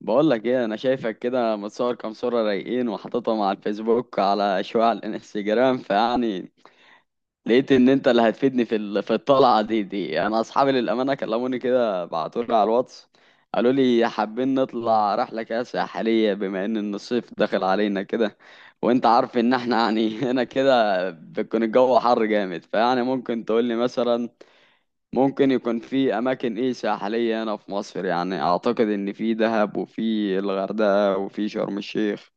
بقول لك ايه؟ انا شايفك كده متصور كام صورة رايقين، وحاططهم على الفيسبوك، على شوية على الانستجرام، فيعني لقيت ان انت اللي هتفيدني في الطلعة دي. انا اصحابي للامانة كلموني كده، بعتولي على الواتس، قالوا لي حابين نطلع رحلة كده ساحلية بما ان الصيف داخل علينا كده. وانت عارف ان احنا يعني هنا كده بيكون الجو حر جامد، فيعني ممكن تقول لي مثلا ممكن يكون في اماكن ايه ساحليه هنا في مصر. يعني اعتقد ان في دهب، وفي الغردقه، وفي شرم الشيخ،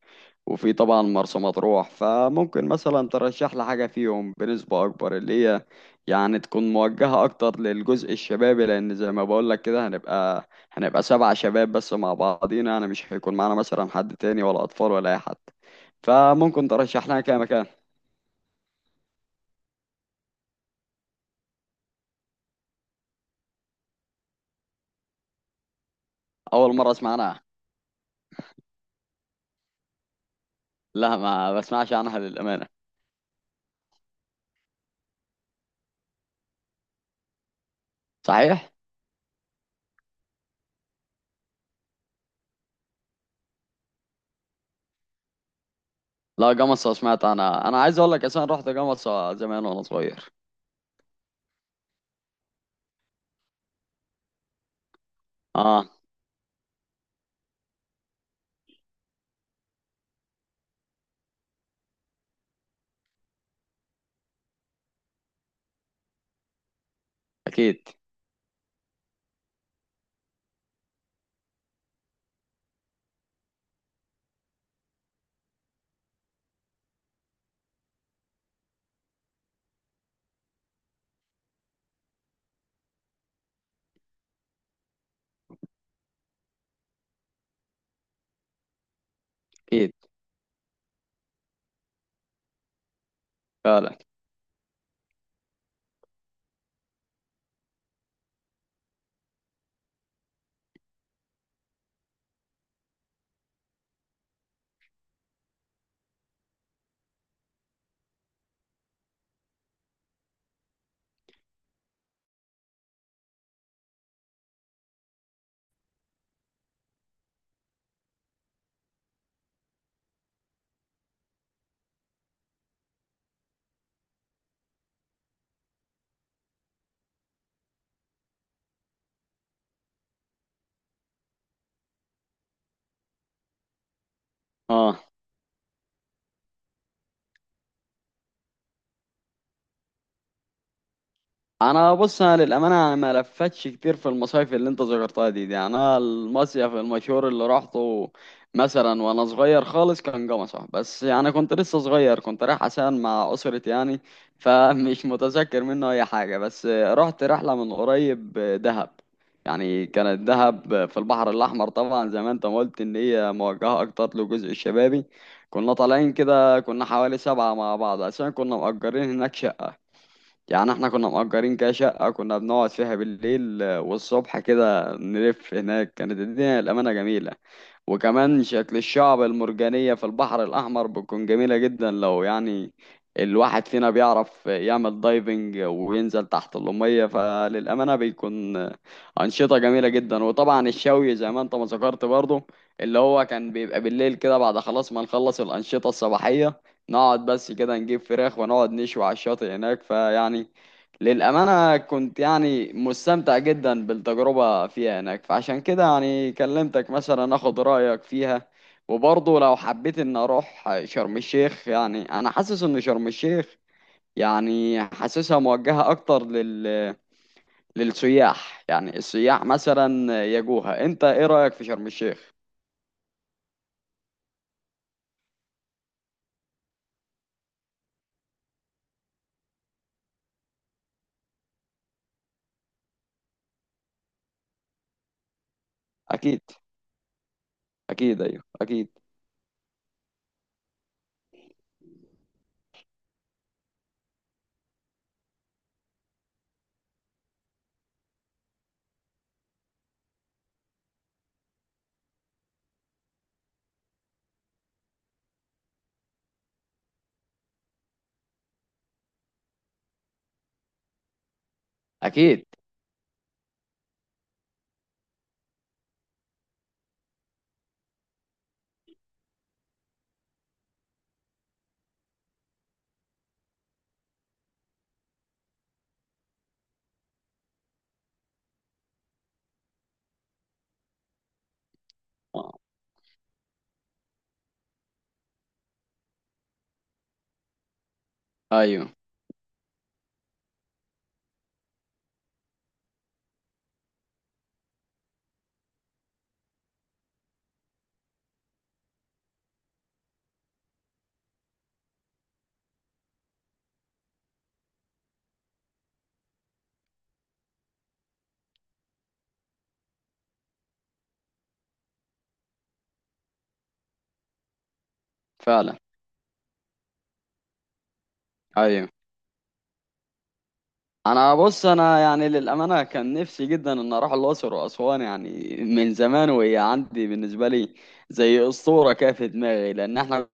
وفي طبعا مرسى مطروح. فممكن مثلا ترشح لي حاجه فيهم بنسبه اكبر، اللي هي يعني تكون موجهه اكتر للجزء الشبابي، لان زي ما بقول لك كده هنبقى سبع شباب بس مع بعضينا، يعني مش هيكون معانا مثلا حد تاني ولا اطفال ولا اي حد، فممكن ترشح لنا كده مكان. اول مره اسمع عنها. لا، ما بسمعش عنها للامانه. صحيح. لا، جمصة سمعت، انا عايز اقول لك اصلا رحت جمصة زمان وانا صغير. اه. اكيد. اكيد. فعلا. اه. انا، بص، انا للامانه انا ما لفتش كتير في المصايف اللي انت ذكرتها دي. انا المصيف المشهور اللي رحته مثلا وانا صغير خالص كان جمصة، بس يعني كنت لسه صغير، كنت رايح عشان مع اسرتي يعني، فمش متذكر منه اي حاجه. بس رحت رحله من قريب دهب، يعني كانت دهب في البحر الاحمر طبعا، زي ما انت ما قلت ان هي موجهه اكتر للجزء الشبابي. كنا طالعين كده، كنا حوالي سبعه مع بعض، عشان كنا مأجرين هناك شقه. يعني احنا كنا مأجرين كده شقة، كنا بنقعد فيها بالليل، والصبح كده نلف هناك. كانت الدنيا الأمانة جميلة، وكمان شكل الشعب المرجانية في البحر الأحمر بتكون جميلة جدا، لو يعني الواحد فينا بيعرف يعمل دايفنج وينزل تحت المية، فللأمانة بيكون أنشطة جميلة جدا. وطبعا الشوي، زي ما انت ما ذكرت برضه، اللي هو كان بيبقى بالليل كده بعد خلاص ما نخلص الأنشطة الصباحية، نقعد بس كده نجيب فراخ ونقعد نشوي على الشاطئ هناك. فيعني للأمانة كنت يعني مستمتع جدا بالتجربة فيها هناك، فعشان كده يعني كلمتك مثلا أخد رأيك فيها. وبرضه لو حبيت إن أروح شرم الشيخ، يعني أنا حاسس إن شرم الشيخ، يعني حاسسها موجهة أكتر للسياح، يعني السياح مثلا يجوها. أنت إيه رأيك في شرم الشيخ؟ أكيد. أكيد أيوه أكيد. أكيد. آه. أيوه فعلا أيوه. انا، بص، انا يعني للامانه كان نفسي جدا ان اروح الاقصر واسوان، يعني من زمان، وهي عندي بالنسبه لي زي اسطوره كده في دماغي، لان احنا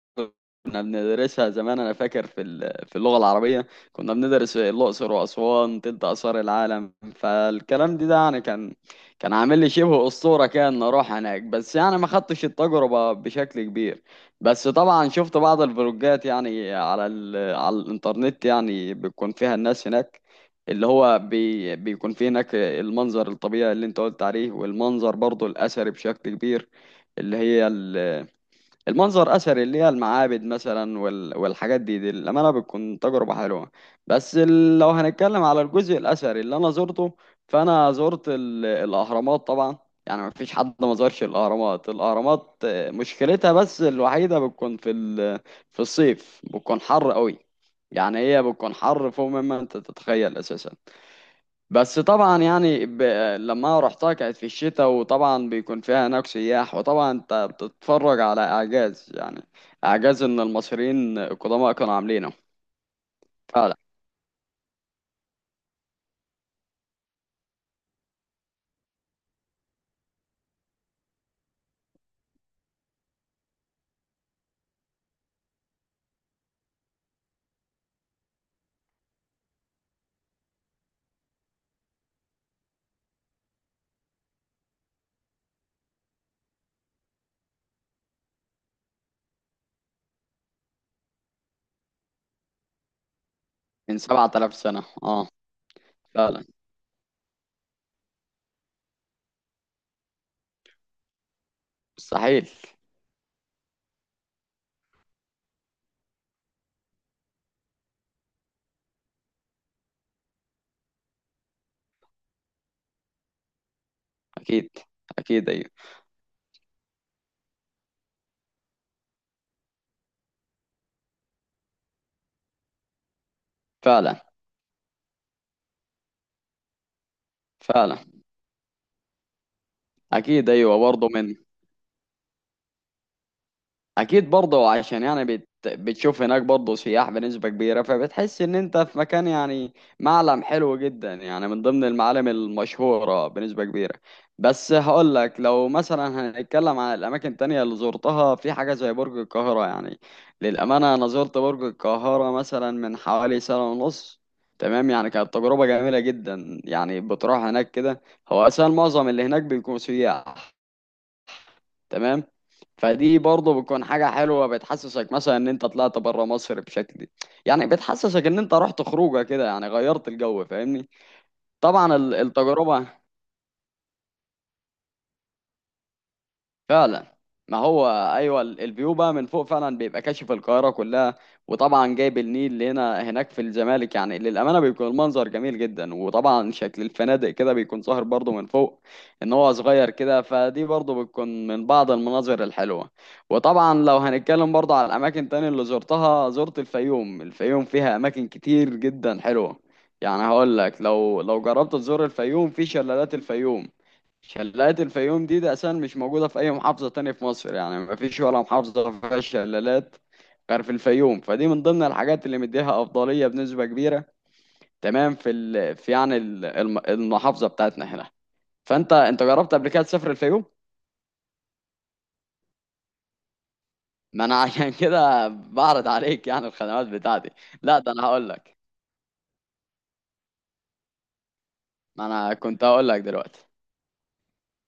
كنا بندرسها زمان. انا فاكر في اللغه العربيه كنا بندرس الاقصر واسوان تلت اثار العالم، فالكلام ده يعني كان عامل لي شبه اسطوره كده ان اروح هناك، بس يعني ما خدتش التجربه بشكل كبير. بس طبعا شفت بعض الفلوجات يعني على الانترنت، يعني بتكون فيها الناس هناك، اللي هو بيكون فيه هناك المنظر الطبيعي اللي انت قلت عليه، والمنظر برضو الأثري بشكل كبير، اللي المنظر أثري، اللي هي المعابد مثلا وال- والحاجات دي، للأمانة بتكون تجربة حلوة. بس لو هنتكلم على الجزء الأثري اللي أنا زرته، فأنا زرت الأهرامات طبعا. يعني ما فيش حد ما زارش الأهرامات. الأهرامات مشكلتها بس الوحيدة بتكون في في الصيف، بتكون حر قوي. يعني هي بتكون حر فوق مما انت تتخيل اساسا. بس طبعا يعني لما رحتها كانت في الشتاء، وطبعا بيكون فيها هناك سياح، وطبعا انت بتتفرج على اعجاز، يعني اعجاز ان المصريين القدماء كانوا عاملينه. فعلا. من 7000 سنة. اه. فعلا. مستحيل. اكيد. اكيد ايوه. فعلا. فعلا اكيد ايوه برضه من. اكيد برضه، عشان يعني بتشوف هناك برضه سياح بنسبة كبيرة، فبتحس ان انت في مكان يعني معلم حلو جدا، يعني من ضمن المعالم المشهورة بنسبة كبيرة. بس هقول لك لو مثلا هنتكلم عن الاماكن التانية اللي زرتها، في حاجة زي برج القاهرة. يعني للأمانة انا زرت برج القاهرة مثلا من حوالي سنة ونص. تمام، يعني كانت تجربة جميلة جدا، يعني بتروح هناك كده، هو أساسا معظم اللي هناك بيكونوا سياح. تمام. فدي برضه بتكون حاجة حلوة، بتحسسك مثلا ان انت طلعت بره مصر بشكل، يعني بتحسسك ان انت رحت خروجه كده، يعني غيرت الجو، فاهمني. طبعا التجربة. فعلا. ما هو ايوه الفيو بقى من فوق، فعلا بيبقى كاشف القاهره كلها. وطبعا جايب النيل اللي هنا هناك في الزمالك، يعني للامانه بيكون المنظر جميل جدا، وطبعا شكل الفنادق كده بيكون ظاهر برضه من فوق، ان هو صغير كده. فدي برضه بتكون من بعض المناظر الحلوه. وطبعا لو هنتكلم برضه على الاماكن تاني اللي زرتها، زرت الفيوم. الفيوم فيها اماكن كتير جدا حلوه. يعني هقول لك لو جربت تزور الفيوم، في شلالات الفيوم. شلالات الفيوم دي أساسا مش موجودة في أي محافظة تانية في مصر، يعني مفيش ولا محافظة فيها شلالات غير في الفيوم. فدي من ضمن الحاجات اللي مديها أفضلية بنسبة كبيرة. تمام في يعني المحافظة بتاعتنا هنا. فأنت جربت قبل كده تسافر الفيوم؟ ما أنا عشان كده بعرض عليك يعني الخدمات بتاعتي. لا، ده أنا هقول لك. ما أنا كنت هقول لك دلوقتي.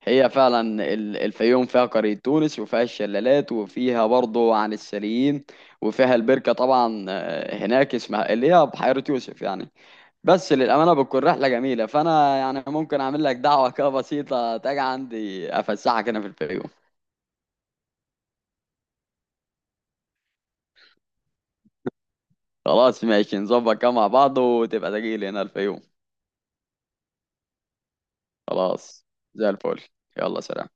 هي فعلا الفيوم فيها قرية تونس، وفيها الشلالات، وفيها برضه عن السليين، وفيها البركة طبعا. هناك اسمها اللي هي بحيرة يوسف يعني. بس للأمانة بتكون رحلة جميلة، فأنا يعني ممكن أعمل لك دعوة كده بسيطة تاجي عندي أفسحك هنا في الفيوم. خلاص ماشي، نظبط كده مع بعض وتبقى تجيلي هنا الفيوم. خلاص. زي الفل. يلا سلام.